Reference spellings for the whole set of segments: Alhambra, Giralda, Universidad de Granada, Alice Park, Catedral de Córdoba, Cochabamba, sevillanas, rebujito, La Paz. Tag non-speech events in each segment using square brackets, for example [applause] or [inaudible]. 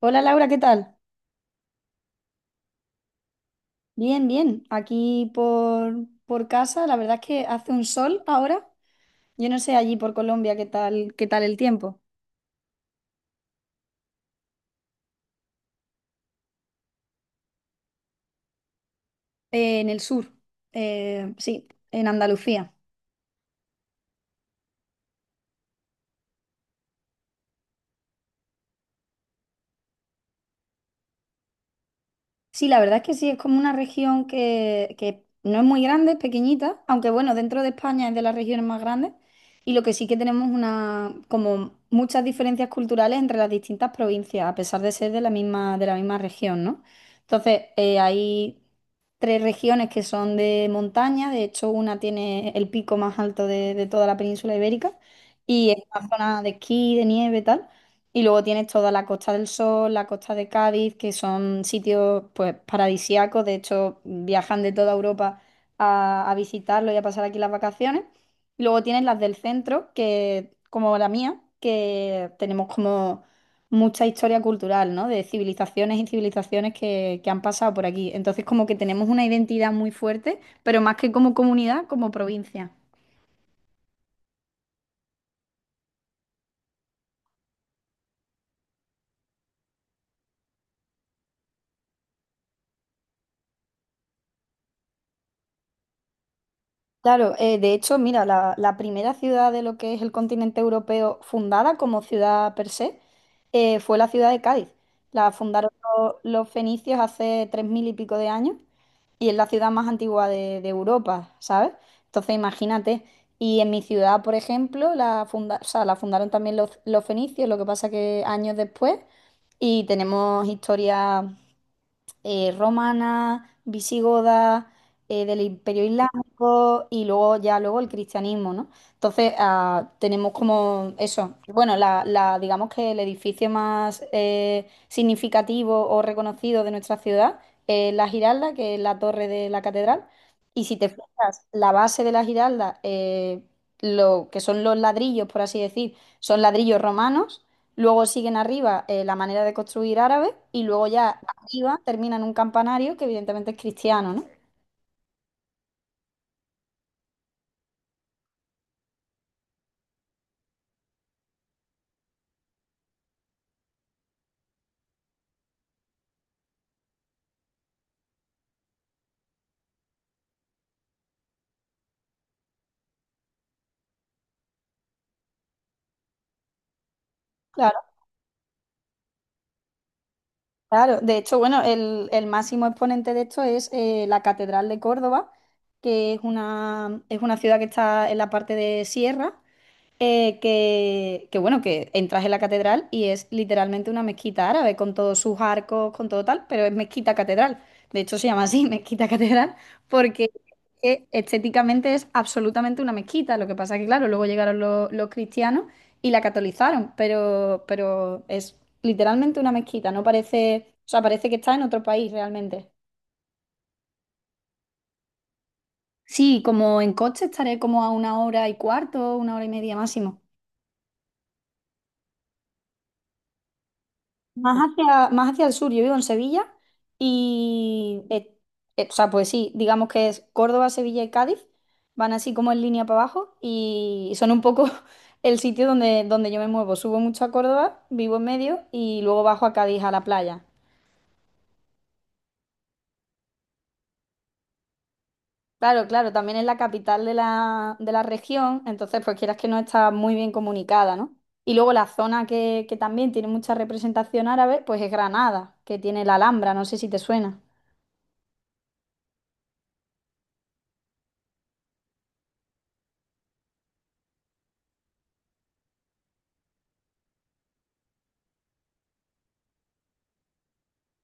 Hola Laura, ¿qué tal? Bien, bien. Aquí por casa, la verdad es que hace un sol ahora. Yo no sé allí por Colombia qué tal el tiempo. En el sur, sí, en Andalucía. Sí, la verdad es que sí, es como una región que no es muy grande, es pequeñita, aunque bueno, dentro de España es de las regiones más grandes y lo que sí que tenemos una, como muchas diferencias culturales entre las distintas provincias, a pesar de ser de la misma región, ¿no? Entonces, hay tres regiones que son de montaña, de hecho una tiene el pico más alto de toda la península ibérica y es una zona de esquí, de nieve y tal. Y luego tienes toda la Costa del Sol, la Costa de Cádiz, que son sitios pues paradisíacos. De hecho, viajan de toda Europa a visitarlo y a pasar aquí las vacaciones. Y luego tienes las del centro, que, como la mía, que tenemos como mucha historia cultural, ¿no? De civilizaciones y civilizaciones que han pasado por aquí. Entonces, como que tenemos una identidad muy fuerte, pero más que como comunidad, como provincia. Claro, de hecho, mira, la primera ciudad de lo que es el continente europeo fundada como ciudad per se fue la ciudad de Cádiz. La fundaron los fenicios hace tres mil y pico de años y es la ciudad más antigua de Europa, ¿sabes? Entonces, imagínate. Y en mi ciudad, por ejemplo, o sea, la fundaron también los fenicios, lo que pasa que años después y tenemos historia romana, visigoda, del Imperio Islámico y luego ya luego el cristianismo, ¿no? Entonces tenemos como eso. Bueno, digamos que el edificio más significativo o reconocido de nuestra ciudad es la Giralda, que es la torre de la catedral. Y si te fijas, la base de la Giralda, lo que son los ladrillos, por así decir, son ladrillos romanos. Luego siguen arriba la manera de construir árabe y luego ya iva termina en un campanario que evidentemente es cristiano, ¿no? Claro, claro. De hecho, bueno, el máximo exponente de esto es la Catedral de Córdoba, que es una ciudad que está en la parte de sierra que bueno, que entras en la catedral y es literalmente una mezquita árabe con todos sus arcos, con todo tal, pero es mezquita catedral. De hecho, se llama así, [laughs] mezquita catedral, porque estéticamente es absolutamente una mezquita. Lo que pasa que, claro, luego llegaron los cristianos y la catolizaron, pero es literalmente una mezquita, no parece, o sea, parece que está en otro país realmente. Sí, como en coche estaré como a una hora y cuarto, una hora y media máximo. Más hacia el sur, yo vivo en Sevilla y, o sea, pues sí, digamos que es Córdoba, Sevilla y Cádiz, van así como en línea para abajo y son un poco [laughs] el sitio donde yo me muevo. Subo mucho a Córdoba, vivo en medio y luego bajo a Cádiz a la playa. Claro, claro, también es la capital de la región, entonces pues quieras que no está muy bien comunicada, ¿no? Y luego la zona que también tiene mucha representación árabe, pues es Granada, que tiene la Alhambra, no sé si te suena.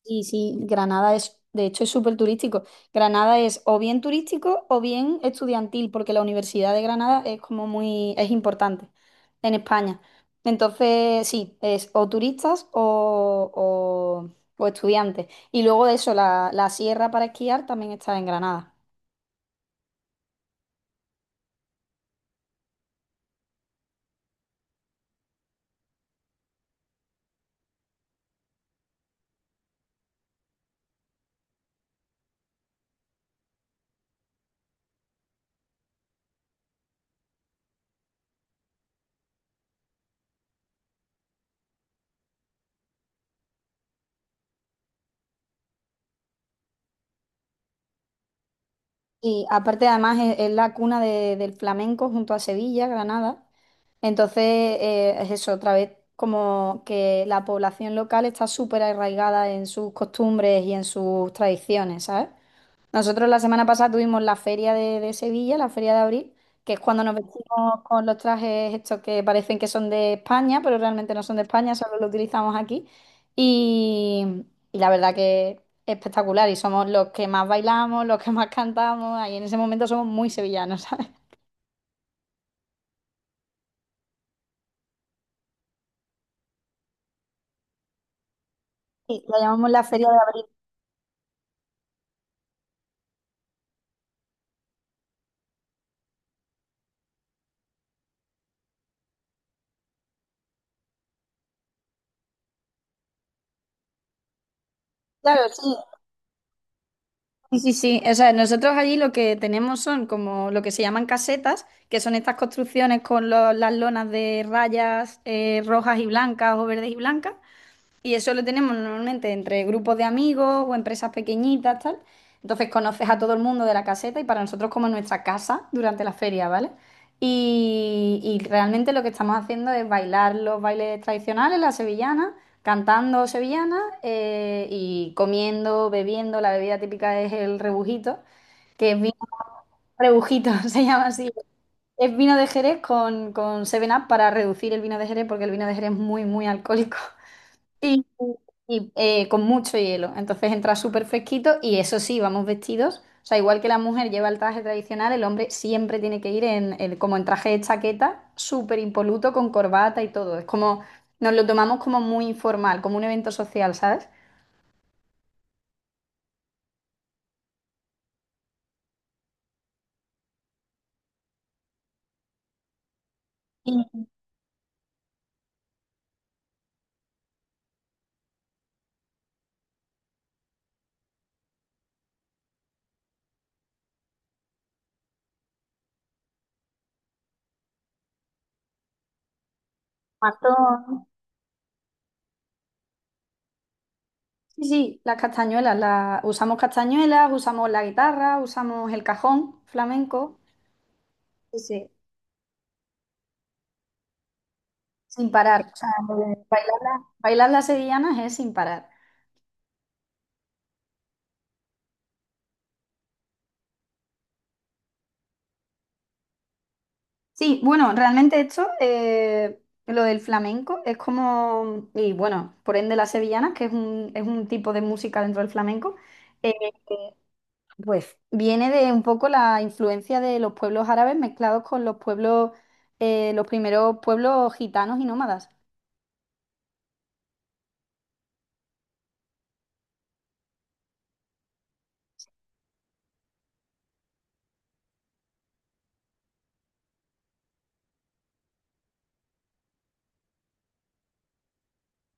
Sí, sí, Granada es, de hecho, es súper turístico. Granada es o bien turístico o bien estudiantil, porque la Universidad de Granada es como muy, es importante en España. Entonces, sí, es o turistas o estudiantes. Y luego de eso, la sierra para esquiar también está en Granada. Y aparte, además, es la cuna de- del flamenco junto a Sevilla, Granada. Entonces, es eso, otra vez, como que la población local está súper arraigada en sus costumbres y en sus tradiciones, ¿sabes? Nosotros la semana pasada tuvimos la feria de Sevilla, la feria de abril, que es cuando nos vestimos con los trajes estos que parecen que son de España, pero realmente no son de España, solo lo utilizamos aquí. Y, y la verdad que es espectacular y somos los que más bailamos, los que más cantamos, ahí en ese momento somos muy sevillanos, [laughs] ¿sabes? Sí, la llamamos la feria de abril. Claro, sí, sí, sí, sí. O sea, nosotros allí lo que tenemos son como lo que se llaman casetas, que son estas construcciones con las lonas de rayas rojas y blancas o verdes y blancas. Y eso lo tenemos normalmente entre grupos de amigos o empresas pequeñitas, tal. Entonces conoces a todo el mundo de la caseta y para nosotros como nuestra casa durante la feria, ¿vale? Y realmente lo que estamos haciendo es bailar los bailes tradicionales, la sevillana, cantando sevillana y comiendo, bebiendo. La bebida típica es el rebujito, que es vino rebujito, [laughs] se llama así. Es vino de Jerez con 7-Up para reducir el vino de Jerez porque el vino de Jerez es muy, muy alcohólico. Y, con mucho hielo. Entonces entra súper fresquito y eso sí, vamos vestidos. O sea, igual que la mujer lleva el traje tradicional, el hombre siempre tiene que ir como en traje de chaqueta, súper impoluto, con corbata y todo. Es como, nos lo tomamos como muy informal, como un evento social, ¿sabes? Y matón. Sí, sí, las castañuelas, las, usamos castañuelas, usamos la guitarra, usamos el cajón flamenco, sí, sí, sin parar. O sea, bailar, bailar las sevillanas es sin parar. Sí, bueno, realmente esto, lo del flamenco, es como, y bueno, por ende las sevillanas, que es un tipo de música dentro del flamenco, eh, pues viene de un poco la influencia de los pueblos árabes mezclados con los pueblos, los primeros pueblos gitanos y nómadas.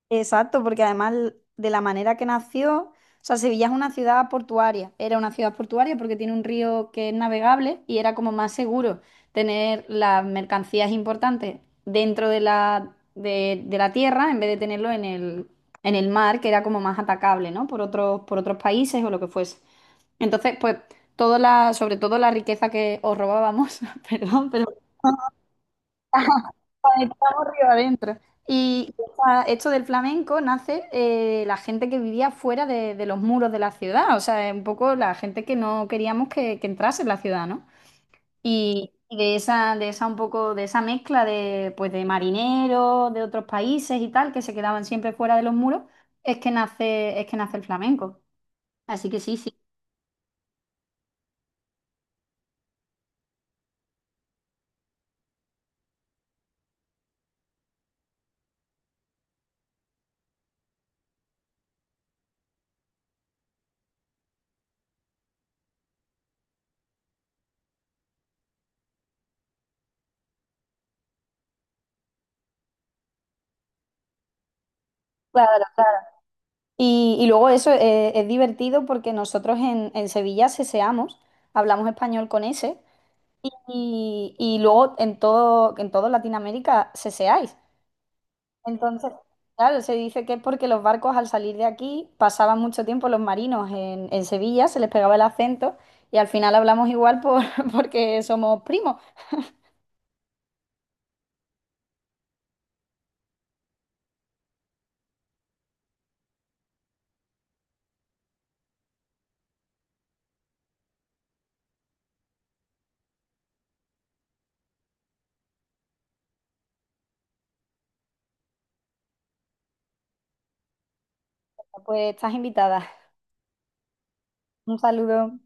Exacto, porque además de la manera que nació, o sea, Sevilla es una ciudad portuaria, era una ciudad portuaria porque tiene un río que es navegable y era como más seguro tener las mercancías importantes dentro de la tierra en vez de tenerlo en el mar, que era como más atacable, ¿no? Por otros países o lo que fuese. Entonces, pues, toda la, sobre todo la riqueza que os robábamos, [laughs] perdón, pero estamos río adentro. Y esta- esto del flamenco nace la gente que vivía fuera de los muros de la ciudad, o sea, un poco la gente que no queríamos que entrase en la ciudad, ¿no? Y de esa un poco, de esa mezcla de, pues, de marineros de otros países y tal, que se quedaban siempre fuera de los muros, es que nace el flamenco. Así que sí, sí. Claro. Y luego eso es divertido porque nosotros en Sevilla seseamos, hablamos español con ese. Y, y luego en todo Latinoamérica seseáis. Entonces, claro, se dice que es porque los barcos al salir de aquí pasaban mucho tiempo los marinos en Sevilla, se les pegaba el acento y al final hablamos igual por, [laughs] porque somos primos. Pues estás invitada. Un saludo.